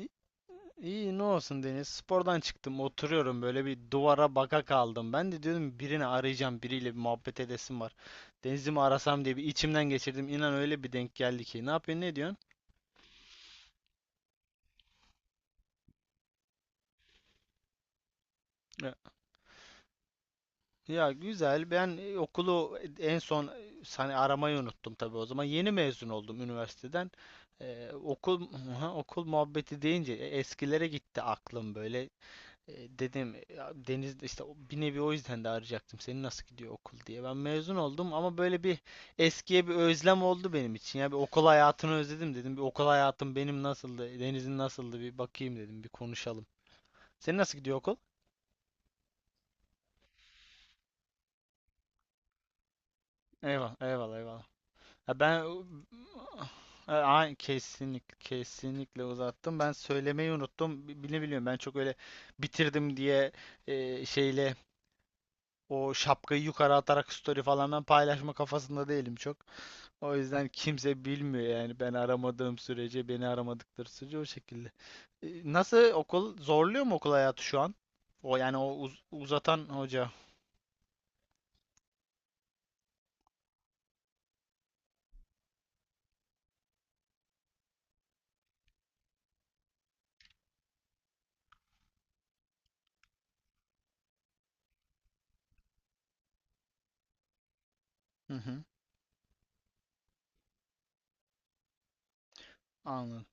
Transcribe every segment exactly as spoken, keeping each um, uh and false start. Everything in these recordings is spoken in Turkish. İ- İyi ne olsun Deniz. Spordan çıktım, oturuyorum böyle bir duvara baka kaldım. Ben de diyordum birini arayacağım, biriyle bir muhabbet edesim var. Deniz'i mi arasam diye bir içimden geçirdim. İnan öyle bir denk geldi ki. Ne yapıyorsun, ne diyorsun? Ya ya güzel. Ben e, okulu en son e, hani aramayı unuttum tabii o zaman. Yeni mezun oldum üniversiteden. Ee, okul okul muhabbeti deyince e, eskilere gitti aklım böyle. E, dedim ya Deniz de işte o- bir nevi o yüzden de arayacaktım seni nasıl gidiyor okul diye. Ben mezun oldum ama böyle bir eskiye bir özlem oldu benim için. Ya bir okul hayatını özledim dedim. Bir okul hayatım benim nasıldı, Deniz'in nasıldı bir bakayım dedim, bir konuşalım. Senin nasıl gidiyor okul? Eyvallah, eyvallah, eyvallah. Ya ben Ha, ay- kesinlikle kesinlikle uzattım. Ben söylemeyi unuttum. Bi- Bile biliyorum ben çok öyle bitirdim diye e, şeyle o şapkayı yukarı atarak story falan ben paylaşma kafasında değilim çok. O yüzden kimse bilmiyor yani ben aramadığım sürece, beni aramadıkları sürece o şekilde. E, Nasıl okul zorluyor mu okul hayatı şu an? O yani o uz- uzatan hoca. Hı hı, anladım.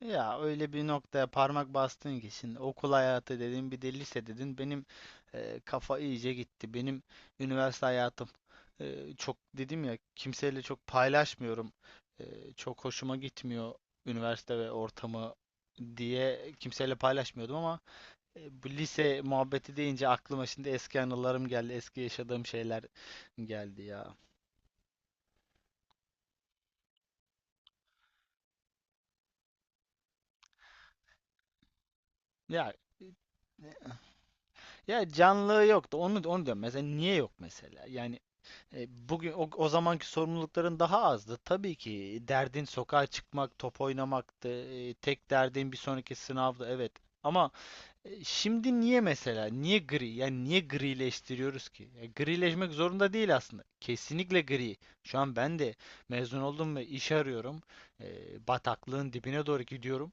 Ya öyle bir noktaya parmak bastın ki şimdi okul hayatı dedin bir de lise dedin benim e, kafa iyice gitti. Benim üniversite hayatım e, çok dedim ya kimseyle çok paylaşmıyorum. E, çok hoşuma gitmiyor üniversite ve ortamı diye kimseyle paylaşmıyordum ama e, bu lise muhabbeti deyince aklıma şimdi eski anılarım geldi. Eski yaşadığım şeyler geldi ya. Ya ya canlılığı yoktu. Onu onu diyorum. Mesela niye yok mesela? Yani, E, bugün o, o zamanki sorumlulukların daha azdı. Tabii ki derdin sokağa çıkmak, top oynamaktı. E, tek derdin bir sonraki sınavdı. Evet. Ama e, şimdi niye mesela? Niye gri? Yani niye grileştiriyoruz ki? E, grileşmek zorunda değil aslında. Kesinlikle gri. Şu an ben de mezun oldum ve iş arıyorum. E, bataklığın dibine doğru gidiyorum.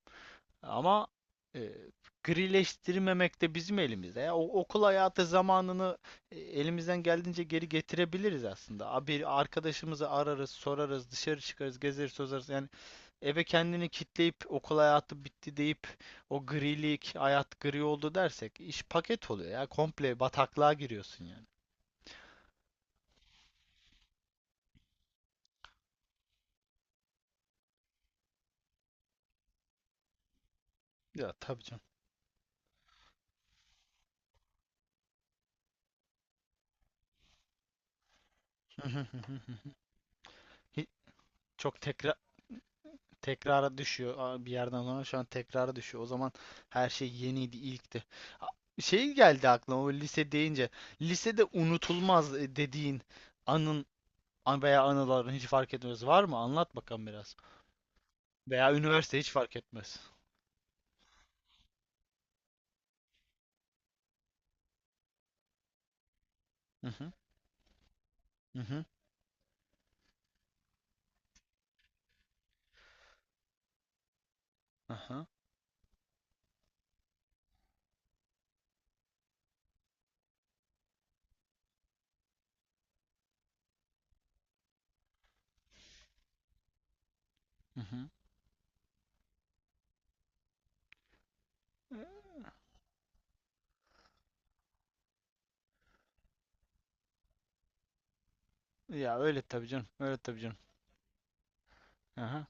Ama e, grileştirmemek de bizim elimizde. Ya, o, okul hayatı zamanını e, elimizden geldiğince geri getirebiliriz aslında. A- Bir arkadaşımızı ararız, sorarız, dışarı çıkarız, gezeriz, tozarız. Yani eve kendini kitleyip okul hayatı bitti deyip o grilik, hayat gri oldu dersek iş paket oluyor ya. Komple bataklığa giriyorsun yani. Ya tabii canım. Hi- Çok tekrar Tekrara düşüyor. Aa, bir yerden sonra şu an tekrara düşüyor. O zaman her şey yeniydi, ilkti. A- Şey geldi aklıma o lise deyince. Lisede unutulmaz e, dediğin anın an- veya anıların hiç fark etmez. Var mı? Anlat bakalım biraz. Veya üniversite hiç fark etmez. Hı hı. Hı hı. Aha. Hı hı. Ya öyle tabii canım. Öyle tabii canım. Aha.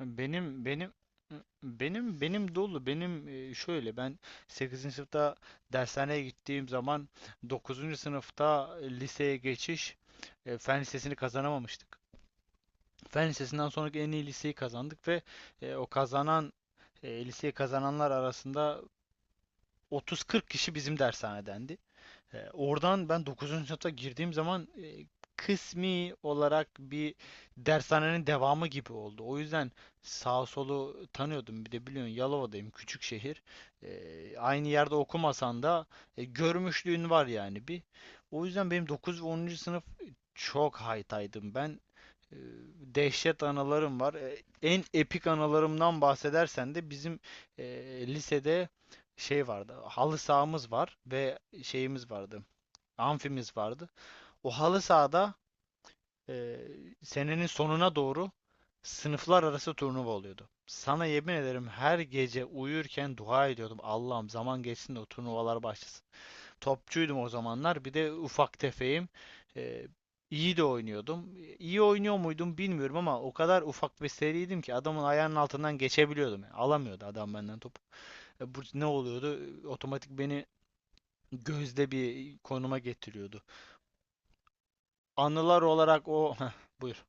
Benim benim benim benim dolu benim. E, şöyle Ben sekizinci sınıfta dershaneye gittiğim zaman dokuzuncu sınıfta liseye geçiş e, fen lisesini kazanamamıştık. Fen lisesinden sonraki en iyi liseyi kazandık ve e, o kazanan e, liseyi kazananlar arasında otuz kırk kişi bizim dershanedendi. E, oradan ben dokuzuncu sınıfta girdiğim zaman e, kısmi olarak bir dershanenin devamı gibi oldu. O yüzden sağ solu tanıyordum. Bir de biliyorsun Yalova'dayım, küçük şehir. E, aynı yerde okumasan da e, görmüşlüğün var yani bir. O yüzden benim dokuz ve onuncu sınıf çok haytaydım. Ben e, dehşet anılarım var. E, en epik anılarımdan bahsedersen de bizim e, lisede şey vardı. Halı sahamız var ve şeyimiz vardı amfimiz vardı. O halı sahada e, senenin sonuna doğru sınıflar arası turnuva oluyordu. Sana yemin ederim her gece uyurken dua ediyordum. Allah'ım zaman geçsin de o turnuvalar başlasın. Topçuydum o zamanlar. Bir de ufak tefeyim. E, iyi de oynuyordum. İyi oynuyor muydum bilmiyorum ama o kadar ufak ve seriydim ki adamın ayağının altından geçebiliyordum. Yani alamıyordu adam benden topu. E, bu ne oluyordu? Otomatik beni gözde bir konuma getiriyordu. Anılar olarak o Heh, buyur.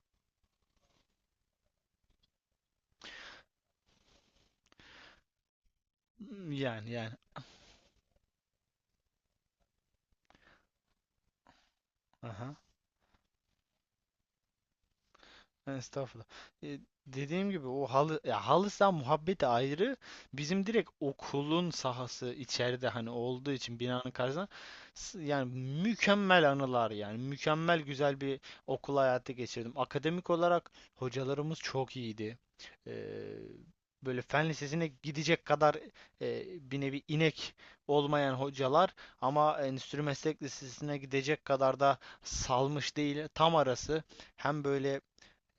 Yani, yani. Aha. Estağfurullah. E, Dediğim gibi o halı ya halı saha muhabbeti ayrı. Bizim direkt okulun sahası içeride hani olduğu için binanın karşısında, s- yani mükemmel anılar, yani mükemmel güzel bir okul hayatı geçirdim. Akademik olarak hocalarımız çok iyiydi. Ee, Böyle fen lisesine gidecek kadar e, bir nevi inek olmayan hocalar ama endüstri meslek lisesine gidecek kadar da salmış değil. Tam arası. Hem böyle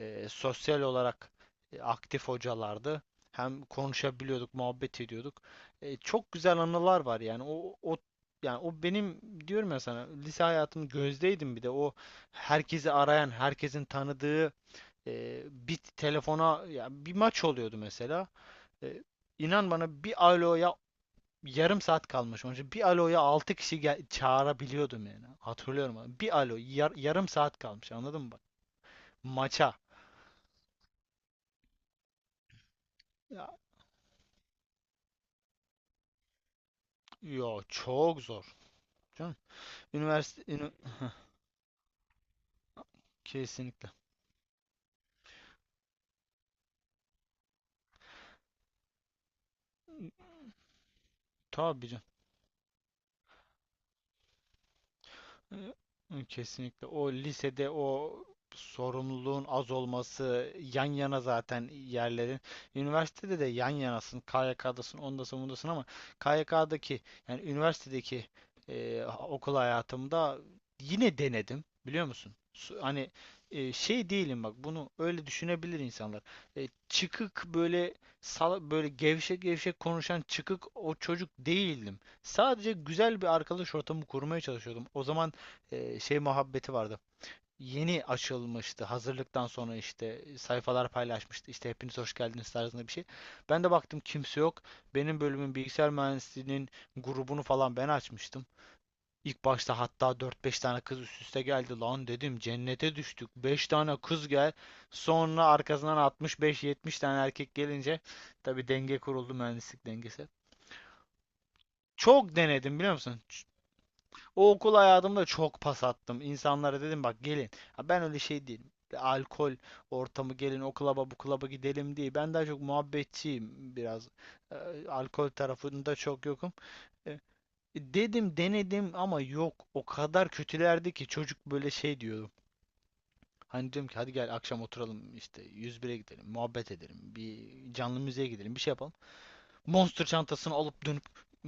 e, sosyal olarak e, aktif hocalardı. Hem konuşabiliyorduk, muhabbet ediyorduk. E, çok güzel anılar var yani. O, o yani o Benim diyorum ya sana lise hayatımın gözdeydim bir de o herkesi arayan, herkesin tanıdığı e, bir telefona ya bir maç oluyordu mesela. E, inan bana bir aloya yarım saat kalmış. Onun için bir aloya altı kişi gel- çağırabiliyordum yani. Hatırlıyorum. Bir alo yar- yarım saat kalmış. Anladın mı bak? Maça. Yo çok zor. Canım. Üniversite ünü- Kesinlikle. Tabii canım. Hı. Kesinlikle. O lisede o sorumluluğun az olması, yan yana zaten yerlerin. Üniversitede de yan yanasın, K Y K'dasın, ondasın, bundasın ama K Y K'daki yani üniversitedeki e, okul hayatımda yine denedim biliyor musun? Su- Hani e, şey değilim bak bunu öyle düşünebilir insanlar. E, çıkık böyle sala, böyle gevşek gevşek konuşan çıkık o çocuk değildim. Sadece güzel bir arkadaş ortamı kurmaya çalışıyordum. O zaman e, şey muhabbeti vardı. Yeni açılmıştı. Hazırlıktan sonra işte sayfalar paylaşmıştı. İşte hepiniz hoş geldiniz tarzında bir şey. Ben de baktım kimse yok. Benim bölümün bilgisayar mühendisliğinin grubunu falan ben açmıştım. İlk başta hatta dört beş tane kız üst üste geldi. Lan dedim cennete düştük. Beş tane kız gel. Sonra arkasından altmış beş yetmiş tane erkek gelince tabii denge kuruldu mühendislik dengesi. Çok denedim biliyor musun? O okul hayatımda çok pas attım. İnsanlara dedim bak gelin. Ha, ben öyle şey değilim. Alkol ortamı gelin o klaba bu klaba gidelim diye. Ben daha çok muhabbetçiyim biraz. Ee, alkol tarafında çok yokum. Ee, Dedim denedim ama yok. O kadar kötülerdi ki çocuk böyle şey diyordu. Hani diyorum ki hadi gel akşam oturalım işte yüz bire gidelim, muhabbet edelim, bir canlı müziğe gidelim, bir şey yapalım. Monster çantasını alıp dönüp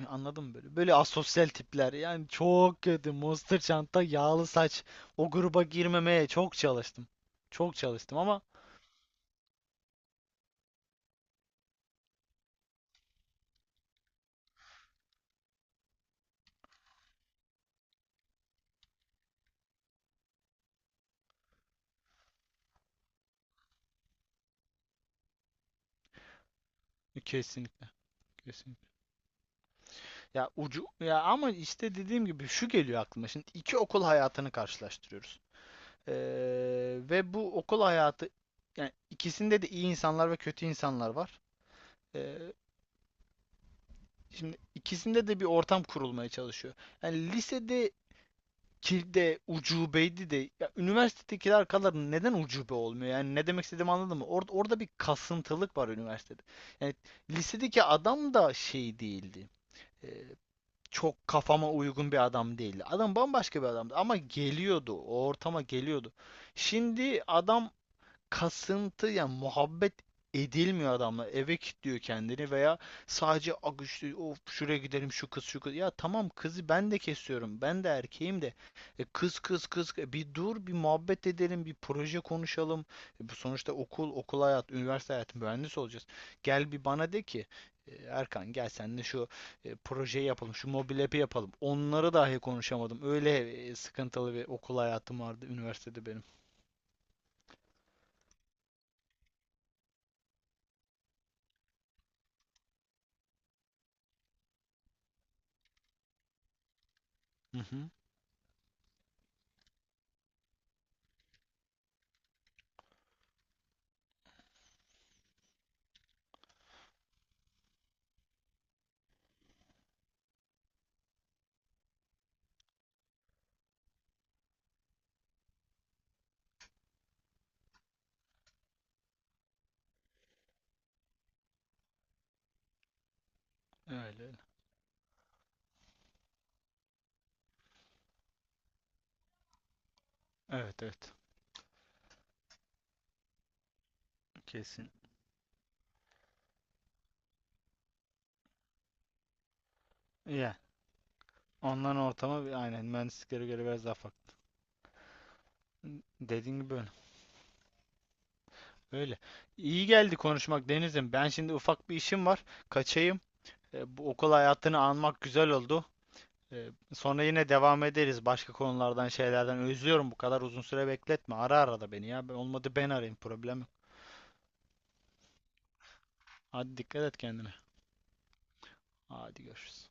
anladın mı böyle? Böyle asosyal tipler. Yani çok kötü. Monster çanta, yağlı saç. O gruba girmemeye çok çalıştım. Çok çalıştım ama kesinlikle, kesinlikle. Ya ucu Ya ama işte dediğim gibi şu geliyor aklıma. Şimdi iki okul hayatını karşılaştırıyoruz. Ee, Ve bu okul hayatı yani ikisinde de iyi insanlar ve kötü insanlar var. Ee, Şimdi ikisinde de bir ortam kurulmaya çalışıyor. Yani lisede ki de ucubeydi de ya üniversitedeki arkaların neden ucube olmuyor? Yani ne demek istediğimi anladın mı? Orada orada bir kasıntılık var üniversitede. Yani lisedeki adam da şey değildi. Ee, Çok kafama uygun bir adam değildi. Adam bambaşka bir adamdı ama geliyordu. O ortama geliyordu. Şimdi adam kasıntı yani muhabbet edilmiyor adamla. Eve kilitliyor kendini veya sadece "Ak işte of şuraya gidelim şu kız şu kız." Ya tamam kızı ben de kesiyorum. Ben de erkeğim de. E, kız, kız, kız. E, bir dur bir muhabbet edelim bir proje konuşalım. E, bu sonuçta okul okul hayat üniversite hayatı mühendis olacağız. Gel bir bana de ki: "E, Erkan gel sen de şu e, projeyi yapalım şu mobil app'i yapalım." Onları dahi konuşamadım. Öyle e, sıkıntılı bir okul hayatım vardı üniversitede benim. Hı hı. Öyle öyle. Evet evet, kesin. Yani onların ortama bir- aynen mühendisliklere göre biraz daha farklı. Dediğin gibi öyle. Öyle. İyi geldi konuşmak Deniz'im. Ben şimdi ufak bir işim var. Kaçayım. E, bu okul hayatını anmak güzel oldu. E, sonra yine devam ederiz başka konulardan şeylerden. Özlüyorum, bu kadar uzun süre bekletme. Ara ara da beni ya. Ben- Olmadı ben arayayım, problem yok. Hadi dikkat et kendine. Hadi görüşürüz.